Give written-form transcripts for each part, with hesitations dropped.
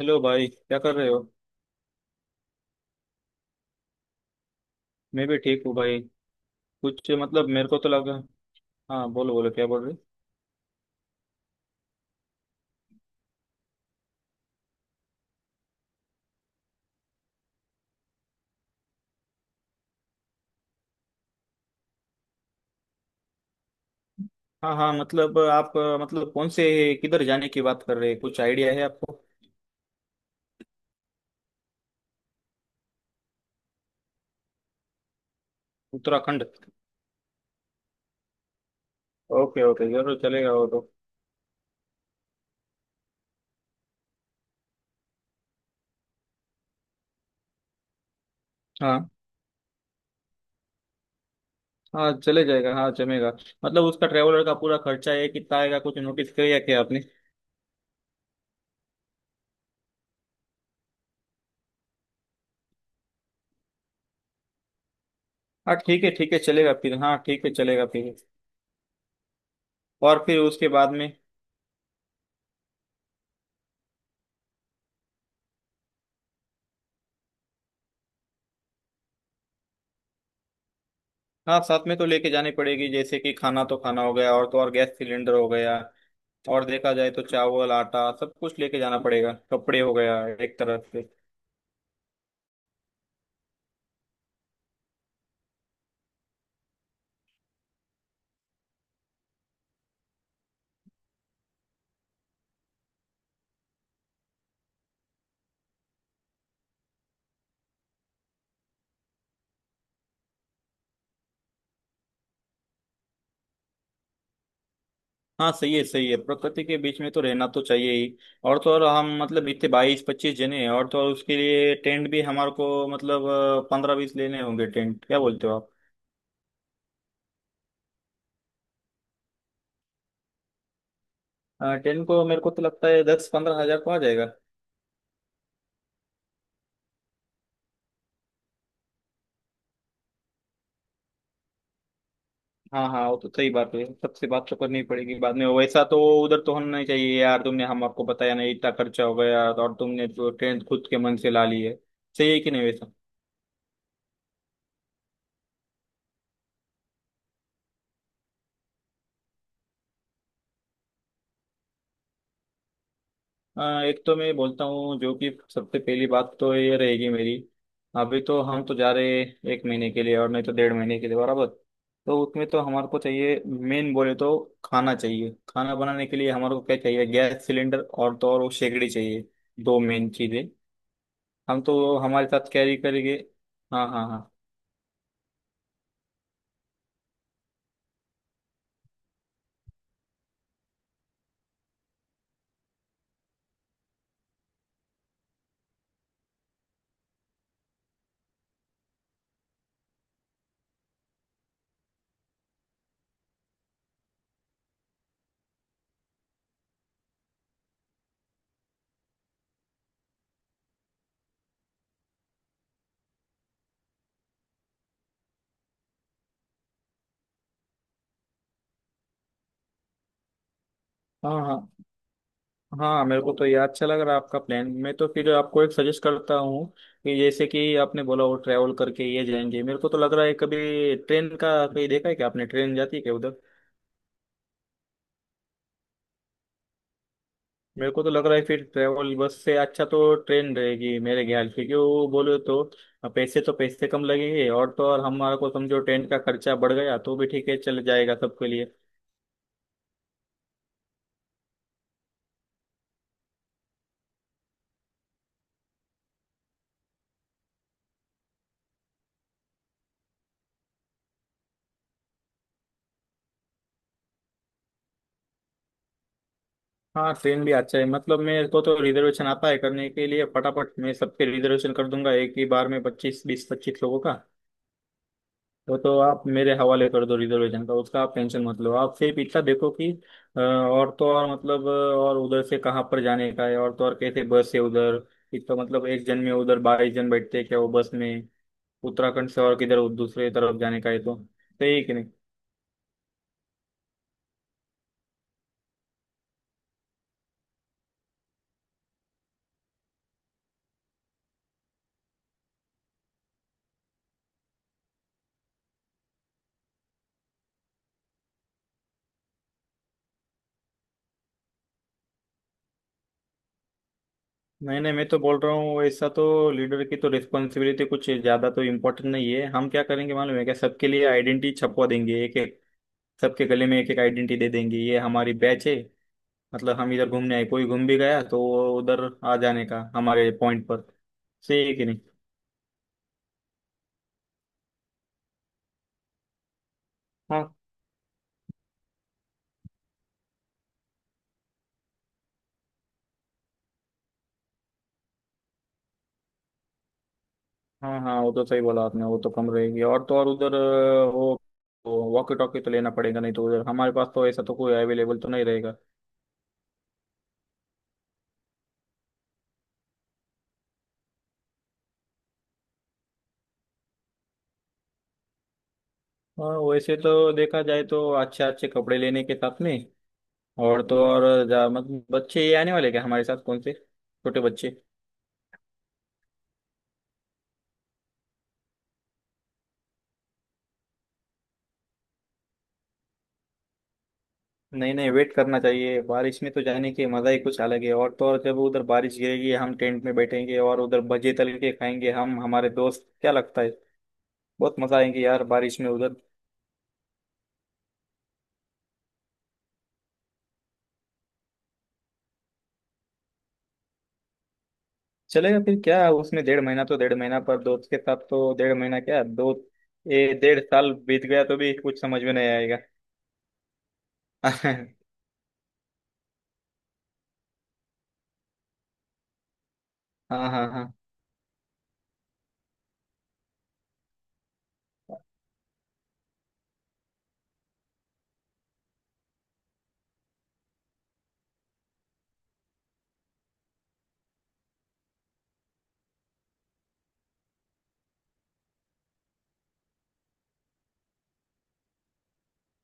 Hello भाई, क्या कर रहे हो। मैं भी ठीक हूँ भाई। कुछ मतलब मेरे को तो लगा। हाँ, बोलो बोलो क्या बोल रहे। हाँ हाँ, मतलब आप मतलब कौन से, किधर जाने की बात कर रहे हैं? कुछ आइडिया है आपको? उत्तराखंड। ओके ओके, जरूर चलेगा वो तो। हाँ हाँ, चले जाएगा, हाँ जमेगा। मतलब उसका ट्रेवलर का पूरा खर्चा है कितना आएगा, कुछ नोटिस किया क्या आपने? हाँ ठीक है चलेगा फिर, हाँ ठीक है चलेगा फिर। और फिर उसके बाद में। हाँ, साथ में तो लेके जानी पड़ेगी, जैसे कि खाना तो खाना हो गया, और तो और गैस सिलेंडर हो गया। और देखा जाए तो चावल आटा सब कुछ लेके जाना पड़ेगा, कपड़े हो गया। एक तरह से। हाँ सही है सही है, प्रकृति के बीच में तो रहना तो चाहिए ही। और तो और हम मतलब इतने 22-25 जने हैं, और तो और उसके लिए टेंट भी हमारे को मतलब 15-20 लेने होंगे टेंट, क्या बोलते हो आप? टेंट को मेरे को तो लगता है 10-15 हजार को आ जाएगा। हाँ हाँ, वो तो सही बात है, सबसे बात तो करनी पड़ेगी बाद में वैसा तो। उधर तो होना नहीं चाहिए यार, तुमने हमको बताया नहीं इतना खर्चा हो गया और तुमने तो टेंट खुद के मन से ला ली है। सही है कि नहीं वैसा? एक तो मैं बोलता हूँ जो कि सबसे पहली बात तो ये रहेगी मेरी। अभी तो हम तो जा रहे हैं एक महीने के लिए और नहीं तो 1.5 महीने के लिए बराबर। तो उसमें तो हमारे को चाहिए मेन बोले तो खाना चाहिए, खाना बनाने के लिए हमारे को क्या चाहिए, गैस सिलेंडर और तो और वो शेगड़ी चाहिए। दो मेन चीज़ें। हम तो हमारे साथ कैरी करेंगे। हाँ हाँ हाँ हाँ। हाँ हाँ, मेरे को तो ये अच्छा लग रहा है आपका प्लान, मैं तो फिर आपको एक सजेस्ट करता हूँ कि जैसे कि आपने बोला वो ट्रैवल करके ये जाएंगे, मेरे को तो लग रहा है, कभी ट्रेन का कहीं देखा है क्या आपने? ट्रेन जाती है क्या उधर? मेरे को तो लग रहा है फिर ट्रैवल बस से अच्छा तो ट्रेन रहेगी मेरे ख्याल से, क्योंकि वो बोले तो पैसे कम लगेंगे, और तो और हमारा को समझो ट्रेन का खर्चा बढ़ गया तो भी ठीक है, चल जाएगा सबके लिए। हाँ ट्रेन भी अच्छा है, मतलब मेरे को तो रिजर्वेशन आता है करने के लिए फटाफट, मैं सबके रिजर्वेशन कर दूंगा एक ही बार में 25, 20, 25 लोगों का। वो तो आप मेरे हवाले कर दो रिजर्वेशन का, उसका आप टेंशन मत लो, आप सिर्फ इतना देखो कि और तो और मतलब और उधर से कहाँ पर जाने का है, और तो और कैसे बस है उधर। इतना मतलब एक जन में उधर 22 जन बैठते हैं क्या वो बस में? उत्तराखंड से और किधर दूसरे तरफ जाने का है, तो सही है कि नहीं? नहीं नहीं, मैं तो बोल रहा हूँ ऐसा तो लीडर की तो रिस्पॉन्सिबिलिटी कुछ ज्यादा तो इम्पोर्टेंट नहीं है, हम क्या करेंगे मालूम है क्या, सबके लिए आइडेंटिटी छपवा देंगे एक एक, सबके गले में एक एक आइडेंटिटी दे देंगे, ये हमारी बैच है। मतलब हम इधर घूमने आए, कोई घूम भी गया तो वो उधर आ जाने का हमारे पॉइंट पर। सही है कि नहीं? हाँ हाँ। हाँ, वो तो सही बोला आपने, वो तो कम रहेगी, और तो और उधर वो वॉकी टॉकी तो लेना पड़ेगा, नहीं तो उधर हमारे पास तो ऐसा तो कोई अवेलेबल तो नहीं रहेगा। हाँ, वैसे तो देखा जाए तो अच्छे अच्छे कपड़े लेने के साथ में, और तो और जा, मत, बच्चे ये आने वाले क्या हमारे साथ? कौन से छोटे बच्चे? नहीं नहीं, वेट करना चाहिए, बारिश में तो जाने के मजा ही कुछ अलग है, और तो और जब उधर बारिश गिरेगी हम टेंट में बैठेंगे और उधर भजे तल के खाएंगे हम, हमारे दोस्त क्या लगता है? बहुत मजा आएंगे यार बारिश में उधर। चलेगा फिर क्या उसमें, 1.5 महीना तो 1.5 महीना, पर दोस्त के साथ तो 1.5 महीना क्या, दो ए 1.5 साल बीत गया तो भी कुछ समझ में नहीं आएगा। हाँ। हाँ हाँ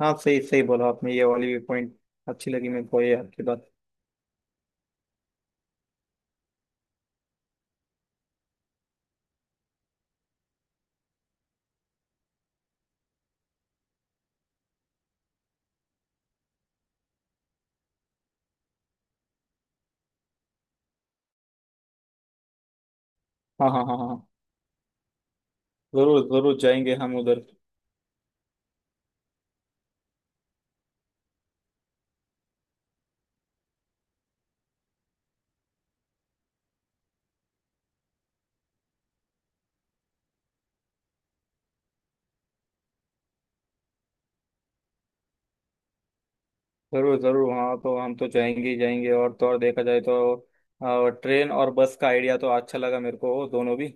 हाँ। सही सही बोला आपने, ये वाली पॉइंट अच्छी लगी मेरे को ये आपकी बात। हाँ हाँ हाँ हाँ हाँ। जरूर जरूर जाएंगे हम उधर। जरूर जरूर, हाँ तो हम तो जाएंगे ही जाएंगे, और तो और देखा जाए तो ट्रेन और बस का आइडिया तो अच्छा लगा मेरे को दोनों भी।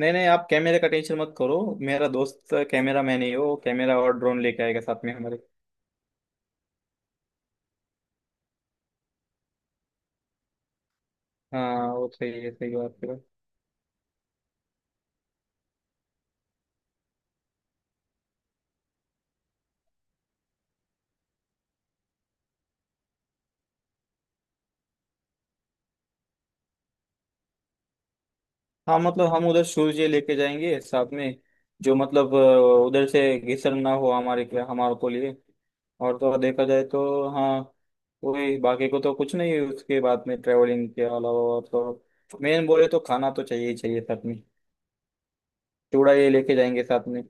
नहीं नहीं, आप कैमरे का टेंशन मत करो। मेरा दोस्त कैमरा मैन ही हो, कैमरा और ड्रोन लेके आएगा साथ में हमारे। हाँ वो सही है, सही बात है। हाँ मतलब हम उधर शूज़ लेके जाएंगे साथ में, जो मतलब उधर से घिसन ना हो हमारे के हमारे को लिए। और तो और देखा जाए तो हाँ, वही बाकी को तो कुछ नहीं है उसके बाद में ट्रेवलिंग के अलावा, और तो मेन बोले तो खाना तो चाहिए ही चाहिए साथ में। चूड़ा ये लेके जाएंगे साथ में।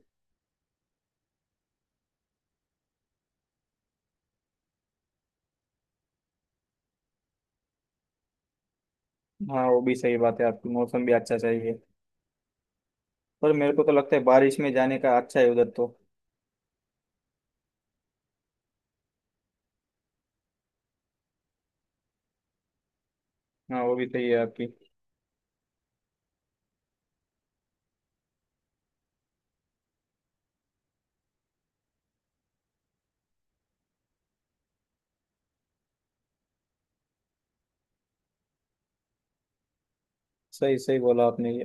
हाँ वो भी सही बात है आपकी, मौसम भी अच्छा चाहिए। पर मेरे को तो लगता है बारिश में जाने का अच्छा है उधर तो। हाँ वो भी सही है आपकी। सही सही बोला आपने ये।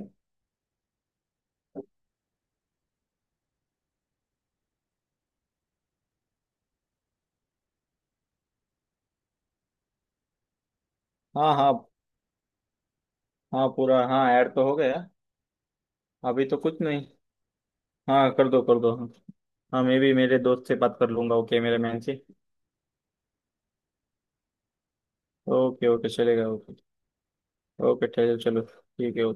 हाँ हाँ। हाँ, पूरा हाँ, ऐड तो हो गया। अभी तो कुछ नहीं। हाँ कर दो कर दो। हाँ मैं भी मेरे दोस्त से बात कर लूंगा, ओके मेरे मैन से। ओके ओके चलेगा ओके। ओके, चलो चलो ठीक है।